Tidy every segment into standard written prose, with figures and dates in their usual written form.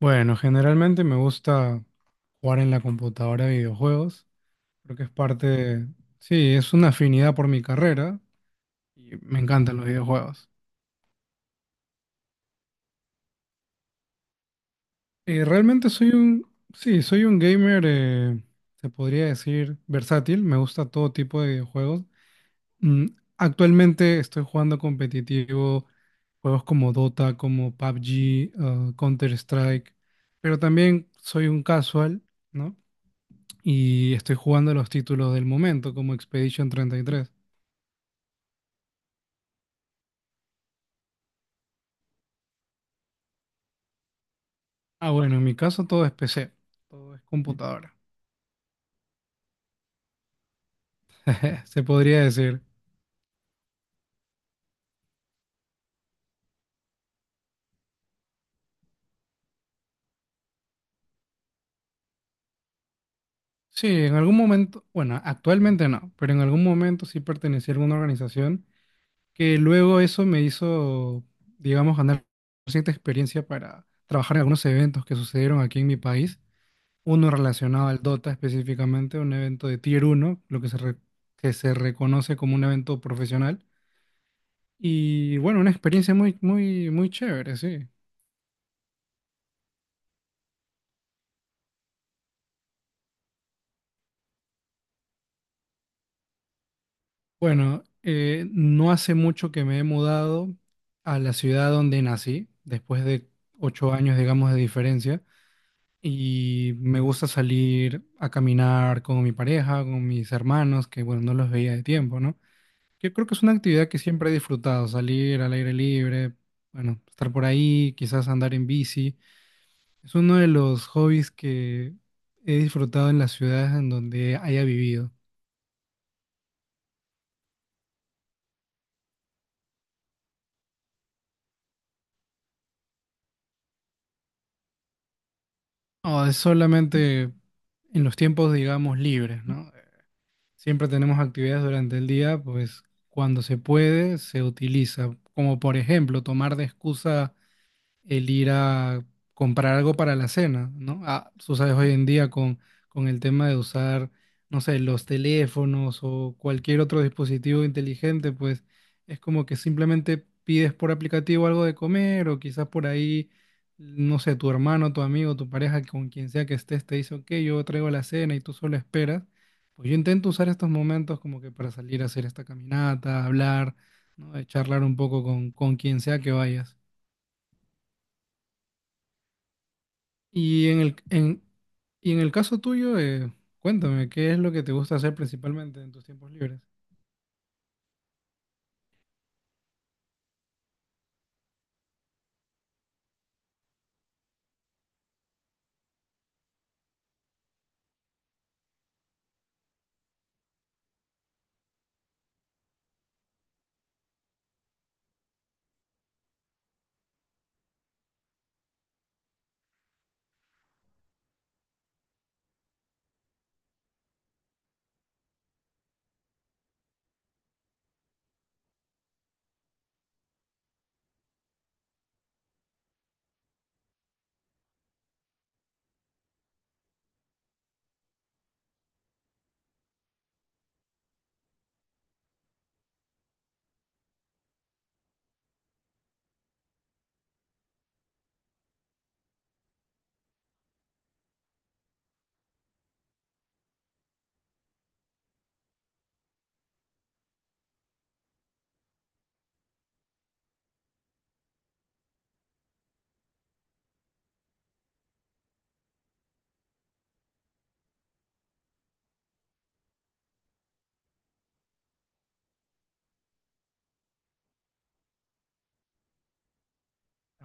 Bueno, generalmente me gusta jugar en la computadora a videojuegos. Creo que es parte de- Sí, es una afinidad por mi carrera y me encantan los videojuegos. Realmente soy un. Sí, soy un gamer, se podría decir, versátil. Me gusta todo tipo de videojuegos. Mm, actualmente estoy jugando competitivo, juegos como Dota, como PUBG, Counter-Strike, pero también soy un casual, ¿no? Y estoy jugando los títulos del momento como Expedition 33. Ah, bueno, en mi caso todo es PC, todo es computadora. Se podría decir. Sí, en algún momento, bueno, actualmente no, pero en algún momento sí pertenecí a alguna organización que luego eso me hizo, digamos, ganar cierta experiencia para trabajar en algunos eventos que sucedieron aquí en mi país. Uno relacionado al Dota específicamente, un evento de Tier 1 lo que se, re- que se reconoce como un evento profesional. Y bueno, una experiencia muy, muy, muy chévere, sí. Bueno, no hace mucho que me he mudado a la ciudad donde nací, después de 8 años, digamos, de diferencia. Y me gusta salir a caminar con mi pareja, con mis hermanos, que bueno, no los veía de tiempo, ¿no? Yo creo que es una actividad que siempre he disfrutado, salir al aire libre, bueno, estar por ahí, quizás andar en bici. Es uno de los hobbies que he disfrutado en las ciudades en donde haya vivido. No, es solamente en los tiempos, digamos, libres, ¿no? Siempre tenemos actividades durante el día, pues cuando se puede, se utiliza. Como por ejemplo, tomar de excusa el ir a comprar algo para la cena, ¿no? Ah, tú sabes, hoy en día con el tema de usar, no sé, los teléfonos o cualquier otro dispositivo inteligente, pues es como que simplemente pides por aplicativo algo de comer o quizás por ahí, no sé, tu hermano, tu amigo, tu pareja, con quien sea que estés, te dice, ok, yo traigo la cena y tú solo esperas. Pues yo intento usar estos momentos como que para salir a hacer esta caminata, hablar, ¿no? Charlar un poco con quien sea que vayas. Y en el, en, y en el caso tuyo, cuéntame, ¿qué es lo que te gusta hacer principalmente en tus tiempos libres?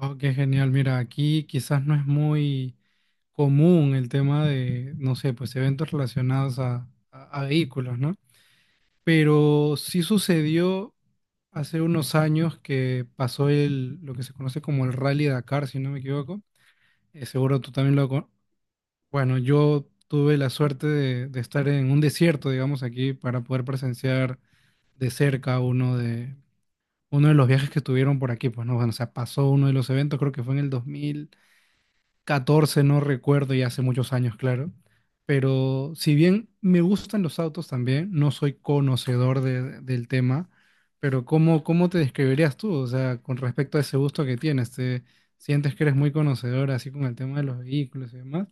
Oh, qué genial. Mira, aquí quizás no es muy común el tema de, no sé, pues eventos relacionados a vehículos, ¿no? Pero sí sucedió hace unos años que pasó el, lo que se conoce como el Rally Dakar, si no me equivoco. Seguro tú también lo... con- Bueno, yo tuve la suerte de estar en un desierto, digamos, aquí para poder presenciar de cerca uno de los viajes que tuvieron por aquí, pues no, bueno, o sea, pasó uno de los eventos, creo que fue en el 2014, no recuerdo, y hace muchos años, claro. Pero si bien me gustan los autos también, no soy conocedor de- del tema, pero ¿cómo, cómo te describirías tú? O sea, con respecto a ese gusto que tienes, ¿te sientes que eres muy conocedor así con el tema de los vehículos y demás?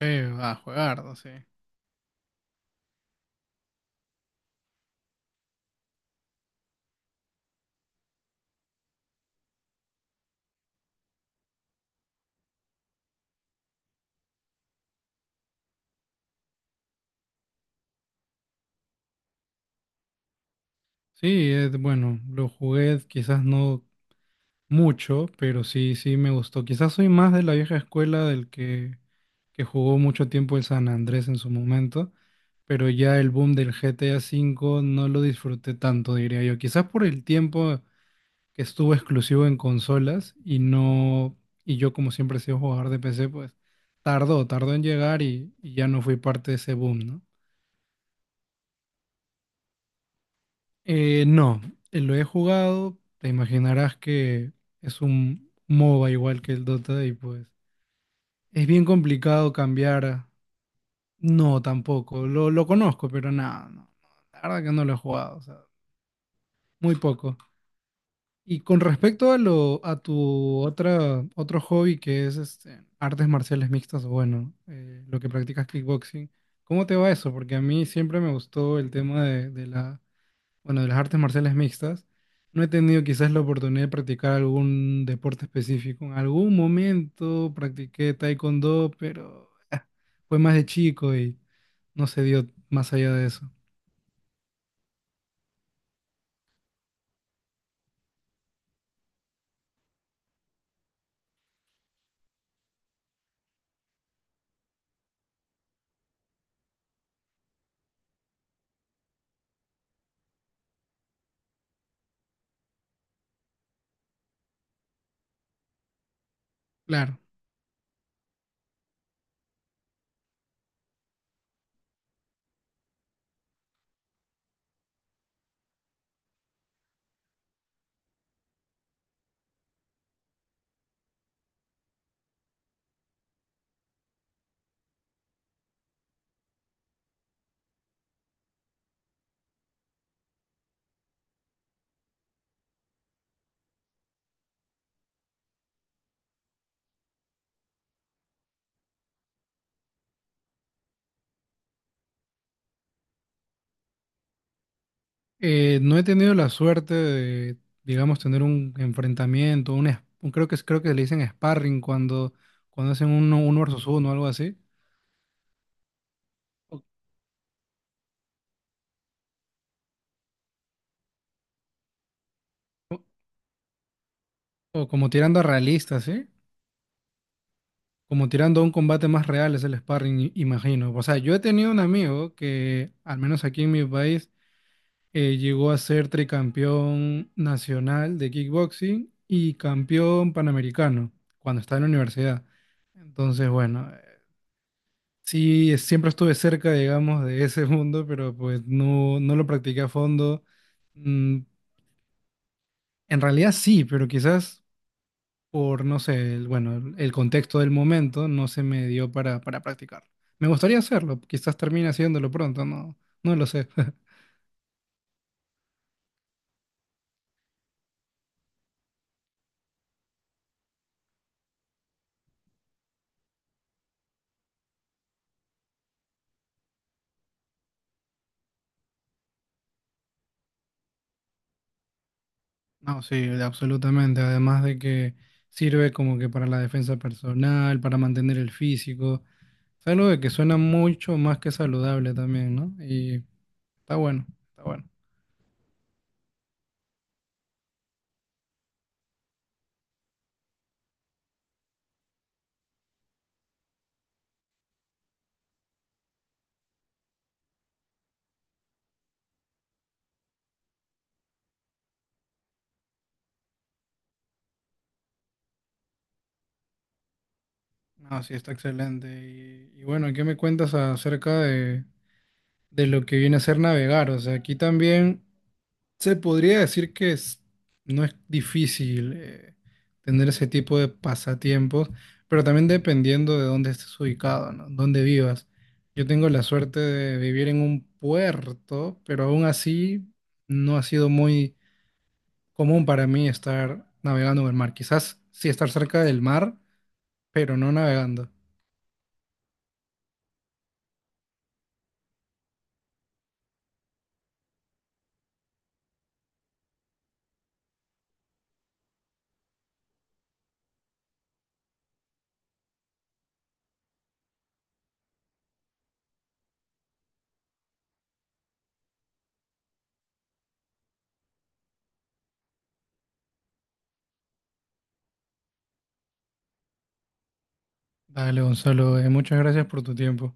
A jugar, no sé. Sí, bueno, lo jugué quizás no mucho, pero sí, sí me gustó. Quizás soy más de la vieja escuela del que jugó mucho tiempo el San Andrés en su momento, pero ya el boom del GTA V no lo disfruté tanto, diría yo. Quizás por el tiempo que estuvo exclusivo en consolas y no, y yo como siempre he sido jugador de PC, pues tardó en llegar y ya no fui parte de ese boom, ¿no? No, lo he jugado, te imaginarás que es un MOBA igual que el Dota y pues... Es bien complicado cambiar. No, tampoco. Lo conozco, pero nada, no, no, la verdad que no lo he jugado, o sea, muy poco. Y con respecto a a tu otro hobby que es este, artes marciales mixtas, o bueno, lo que practicas kickboxing, ¿cómo te va eso? Porque a mí siempre me gustó el tema bueno, de las artes marciales mixtas, no he tenido quizás la oportunidad de practicar algún deporte específico. En algún momento practiqué taekwondo, pero fue más de chico y no se dio más allá de eso. Claro, no he tenido la suerte de, digamos, tener un enfrentamiento, creo que creo que le dicen sparring cuando, hacen uno versus uno o algo así, o, o como tirando a realista, ¿sí? Como tirando a un combate más real es el sparring, imagino. O sea, yo he tenido un amigo que, al menos aquí en mi país, llegó a ser tricampeón nacional de kickboxing y campeón panamericano cuando estaba en la universidad. Entonces, bueno, sí, es- siempre estuve cerca, digamos, de ese mundo, pero pues no, no lo practiqué a fondo. Mm, en realidad sí, pero quizás por, no sé, bueno, el contexto del momento no se me dio para, practicarlo. Me gustaría hacerlo, quizás termine haciéndolo pronto, no, no lo sé. No, sí, absolutamente. Además de que sirve como que para la defensa personal, para mantener el físico. Es algo de que suena mucho más que saludable también, ¿no? Y está bueno, está bueno. No, sí, está excelente. Y bueno, ¿qué me cuentas acerca de lo que viene a ser navegar? O sea, aquí también se podría decir que es- no es difícil tener ese tipo de pasatiempos, pero también dependiendo de dónde estés ubicado, ¿no? Dónde vivas. Yo tengo la suerte de vivir en un puerto, pero aún así no ha sido muy común para mí estar navegando en el mar. Quizás sí estar cerca del mar, pero no navegando. Dale, Gonzalo, muchas gracias por tu tiempo.